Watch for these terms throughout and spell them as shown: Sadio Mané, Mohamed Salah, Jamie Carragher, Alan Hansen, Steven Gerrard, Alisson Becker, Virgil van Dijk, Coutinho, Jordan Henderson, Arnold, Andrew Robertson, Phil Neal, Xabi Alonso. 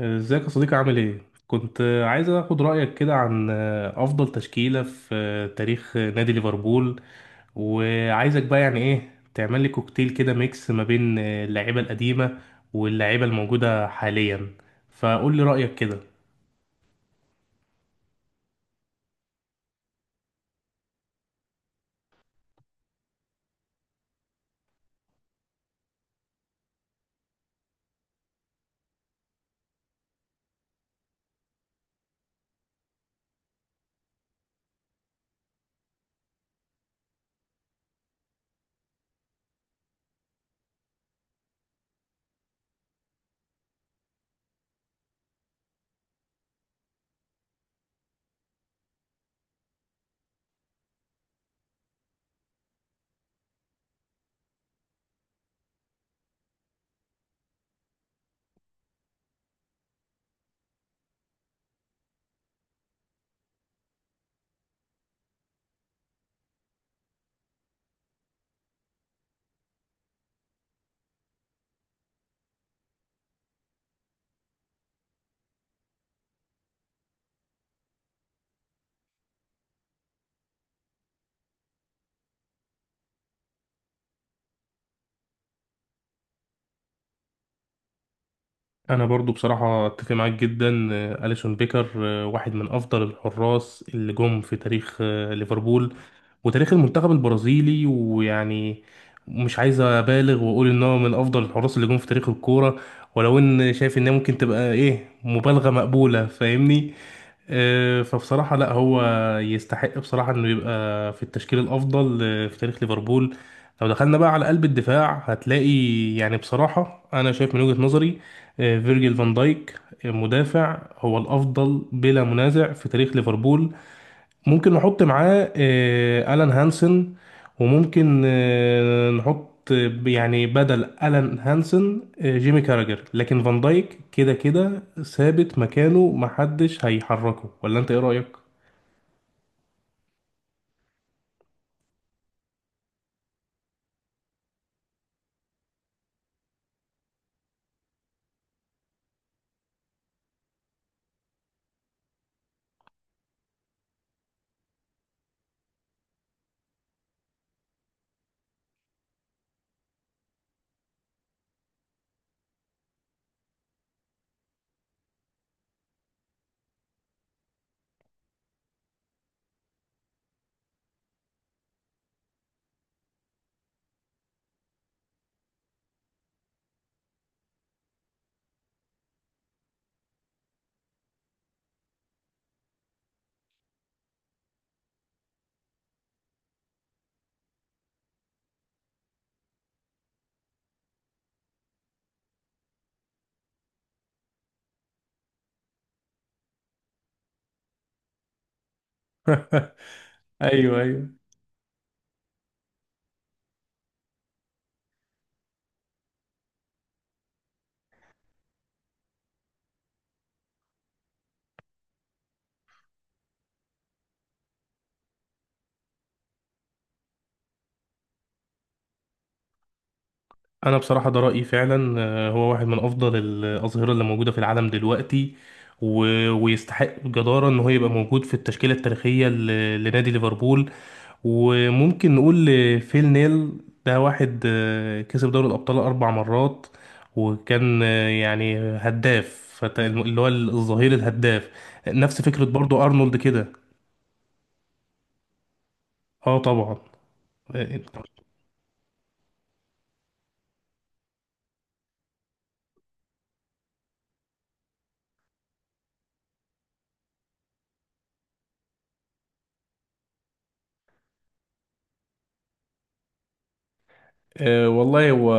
ازيك يا صديقي، عامل ايه؟ كنت عايز اخد رأيك كده عن افضل تشكيلة في تاريخ نادي ليفربول، وعايزك بقى يعني ايه تعمل لي كوكتيل كده، ميكس ما بين اللعيبة القديمة واللعيبة الموجودة حاليا. فقول لي رأيك كده. انا برضو بصراحه اتفق معاك جدا. اليسون بيكر واحد من افضل الحراس اللي جم في تاريخ ليفربول وتاريخ المنتخب البرازيلي. ويعني مش عايز ابالغ واقول ان هو من افضل الحراس اللي جم في تاريخ الكوره، ولو ان شايف انها ممكن تبقى ايه مبالغه مقبوله، فاهمني؟ فبصراحه لا، هو يستحق بصراحه انه يبقى في التشكيل الافضل في تاريخ ليفربول. لو دخلنا بقى على قلب الدفاع، هتلاقي يعني بصراحه انا شايف من وجهه نظري فيرجيل فان دايك مدافع هو الافضل بلا منازع في تاريخ ليفربول. ممكن نحط معاه الان هانسن، وممكن نحط يعني بدل الان هانسن جيمي كاراجر، لكن فان دايك كده كده ثابت مكانه، محدش هيحركه. ولا انت ايه رايك؟ ايوه، ايوه. انا بصراحه ده رايي فعلا. هو واحد من افضل الاظهره اللي موجوده في العالم دلوقتي، و... ويستحق جداره ان هو يبقى موجود في التشكيله التاريخيه لنادي ليفربول. وممكن نقول فيل نيل. ده واحد كسب دوري الابطال 4 مرات، وكان يعني هداف، اللي هو الظهير الهداف. نفس فكره برضو ارنولد كده. اه طبعا. آه، أه والله، هو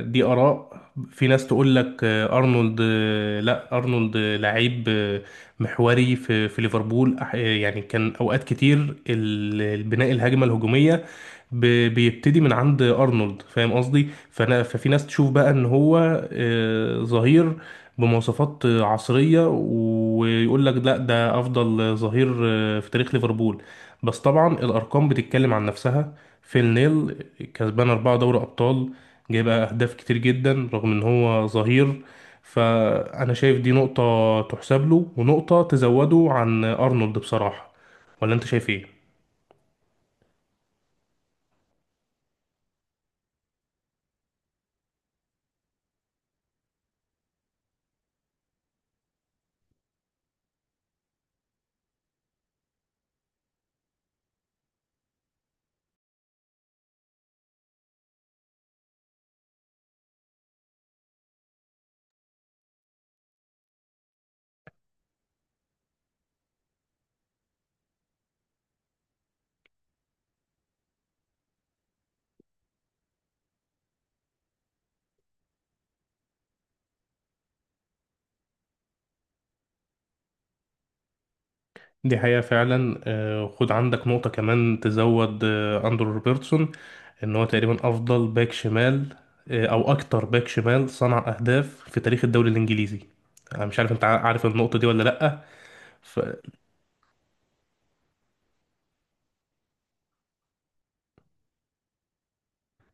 دي آراء. في ناس تقول لك أرنولد، لا، أرنولد لعيب محوري في ليفربول. يعني كان أوقات كتير البناء، الهجمة الهجومية بيبتدي من عند أرنولد، فاهم قصدي؟ فأنا ففي ناس تشوف بقى إن هو ظهير بمواصفات عصرية، ويقول لك لا، ده أفضل ظهير في تاريخ ليفربول. بس طبعا الأرقام بتتكلم عن نفسها. فيل نيل كسبان أربعة دوري أبطال، جايب أهداف كتير جدا رغم إن هو ظهير. فأنا شايف دي نقطة تحسب له، ونقطة تزوده عن أرنولد بصراحة. ولا أنت شايف إيه؟ دي حقيقة فعلا. خد عندك نقطة كمان تزود أندرو روبرتسون. إن هو تقريبا أفضل باك شمال، أو أكتر باك شمال صنع أهداف في تاريخ الدوري الإنجليزي. أنا مش عارف أنت عارف النقطة دي ولا لأ.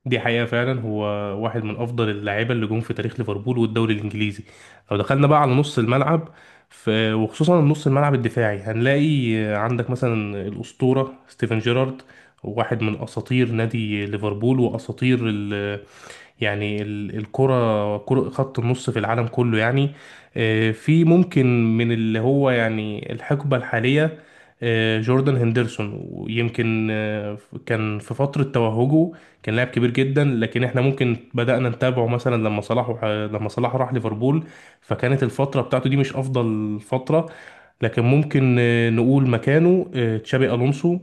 دي حقيقة فعلا. هو واحد من أفضل اللاعيبة اللي جم في تاريخ ليفربول والدوري الإنجليزي. لو دخلنا بقى على نص الملعب، وخصوصا نص الملعب الدفاعي، هنلاقي عندك مثلا الأسطورة ستيفن جيرارد. واحد من أساطير نادي ليفربول وأساطير يعني ال- الكرة كرة خط النص في العالم كله يعني. في ممكن من اللي هو يعني الحقبة الحالية جوردان هندرسون، ويمكن كان في فترة توهجه كان لاعب كبير جدا، لكن احنا ممكن بدأنا نتابعه مثلا لما صلاح راح ليفربول، فكانت الفترة بتاعته دي مش أفضل فترة. لكن ممكن نقول مكانه تشابي ألونسو.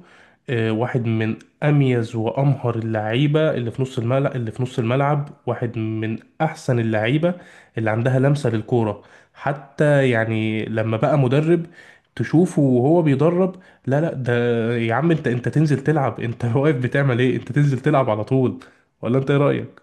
واحد من اميز وامهر اللعيبه اللي في نص الملعب، واحد من احسن اللعيبه اللي عندها لمسه للكوره. حتى يعني لما بقى مدرب، تشوفه وهو بيدرب. لا لا، ده يا عم انت تنزل تلعب انت واقف بتعمل ايه؟ انت تنزل تلعب على طول. ولا انت ايه رايك؟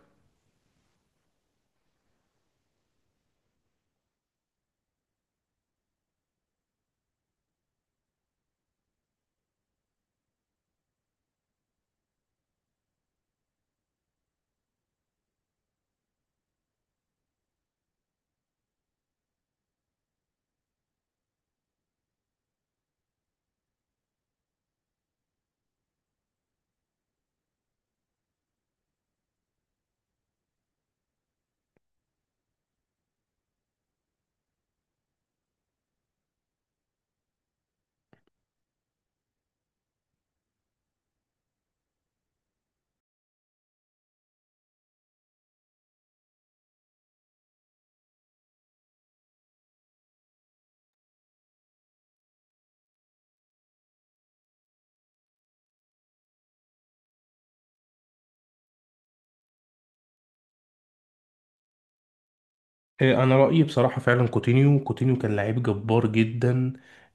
انا رايي بصراحه فعلا، كوتينيو كان لعيب جبار جدا.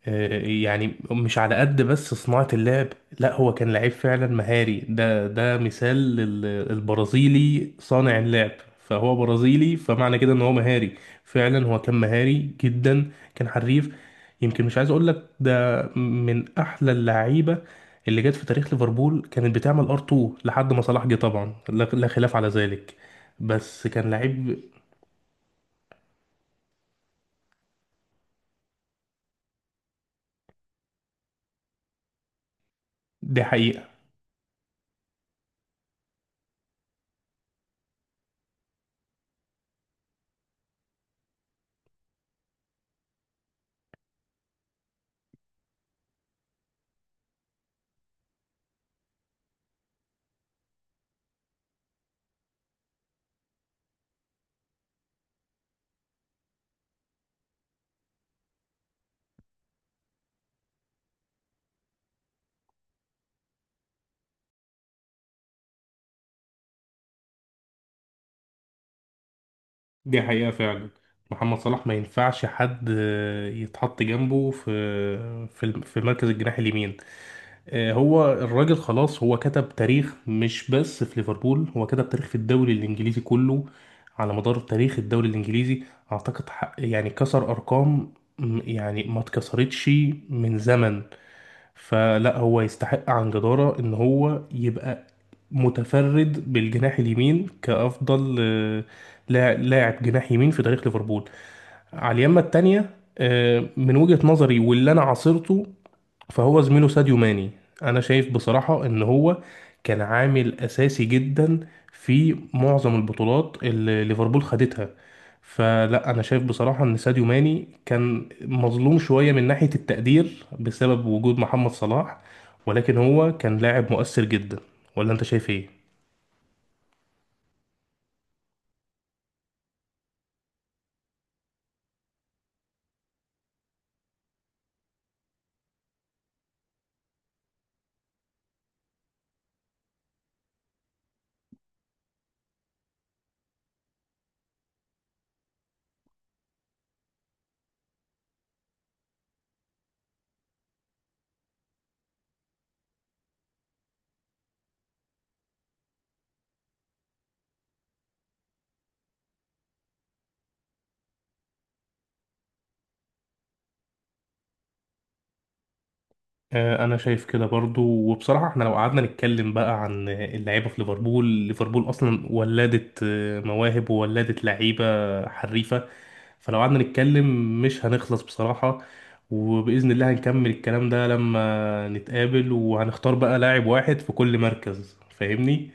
يعني مش على قد بس صناعه اللعب، لا هو كان لعيب فعلا مهاري. ده مثال للبرازيلي صانع اللعب. فهو برازيلي، فمعنى كده ان هو مهاري فعلا. هو كان مهاري جدا، كان حريف. يمكن مش عايز اقول لك ده من احلى اللعيبه اللي جت في تاريخ ليفربول. كانت بتعمل ار 2 لحد ما صلاح جه طبعا، لا لا خلاف على ذلك، بس كان لعيب. دي حقيقة دي حقيقة فعلا. محمد صلاح ما ينفعش حد يتحط جنبه في مركز الجناح اليمين. هو الراجل خلاص، هو كتب تاريخ مش بس في ليفربول، هو كتب تاريخ في الدوري الإنجليزي كله. على مدار تاريخ الدوري الإنجليزي أعتقد يعني كسر أرقام يعني ما اتكسرتش من زمن. فلا، هو يستحق عن جدارة إن هو يبقى متفرد بالجناح اليمين كأفضل لاعب جناح يمين في تاريخ ليفربول. على اليمة التانية من وجهة نظري واللي أنا عاصرته، فهو زميله ساديو ماني. أنا شايف بصراحة إن هو كان عامل أساسي جدا في معظم البطولات اللي ليفربول خدتها. فلا، أنا شايف بصراحة إن ساديو ماني كان مظلوم شوية من ناحية التقدير بسبب وجود محمد صلاح، ولكن هو كان لاعب مؤثر جدا. ولا أنت شايف إيه؟ انا شايف كده برضو. وبصراحه احنا لو قعدنا نتكلم بقى عن اللعيبه في ليفربول، ليفربول اصلا ولدت مواهب وولدت لعيبه حريفه. فلو قعدنا نتكلم مش هنخلص بصراحه. وباذن الله هنكمل الكلام ده لما نتقابل، وهنختار بقى لاعب واحد في كل مركز، فاهمني؟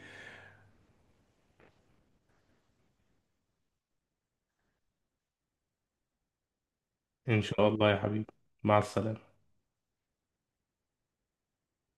ان شاء الله يا حبيبي. مع السلامه.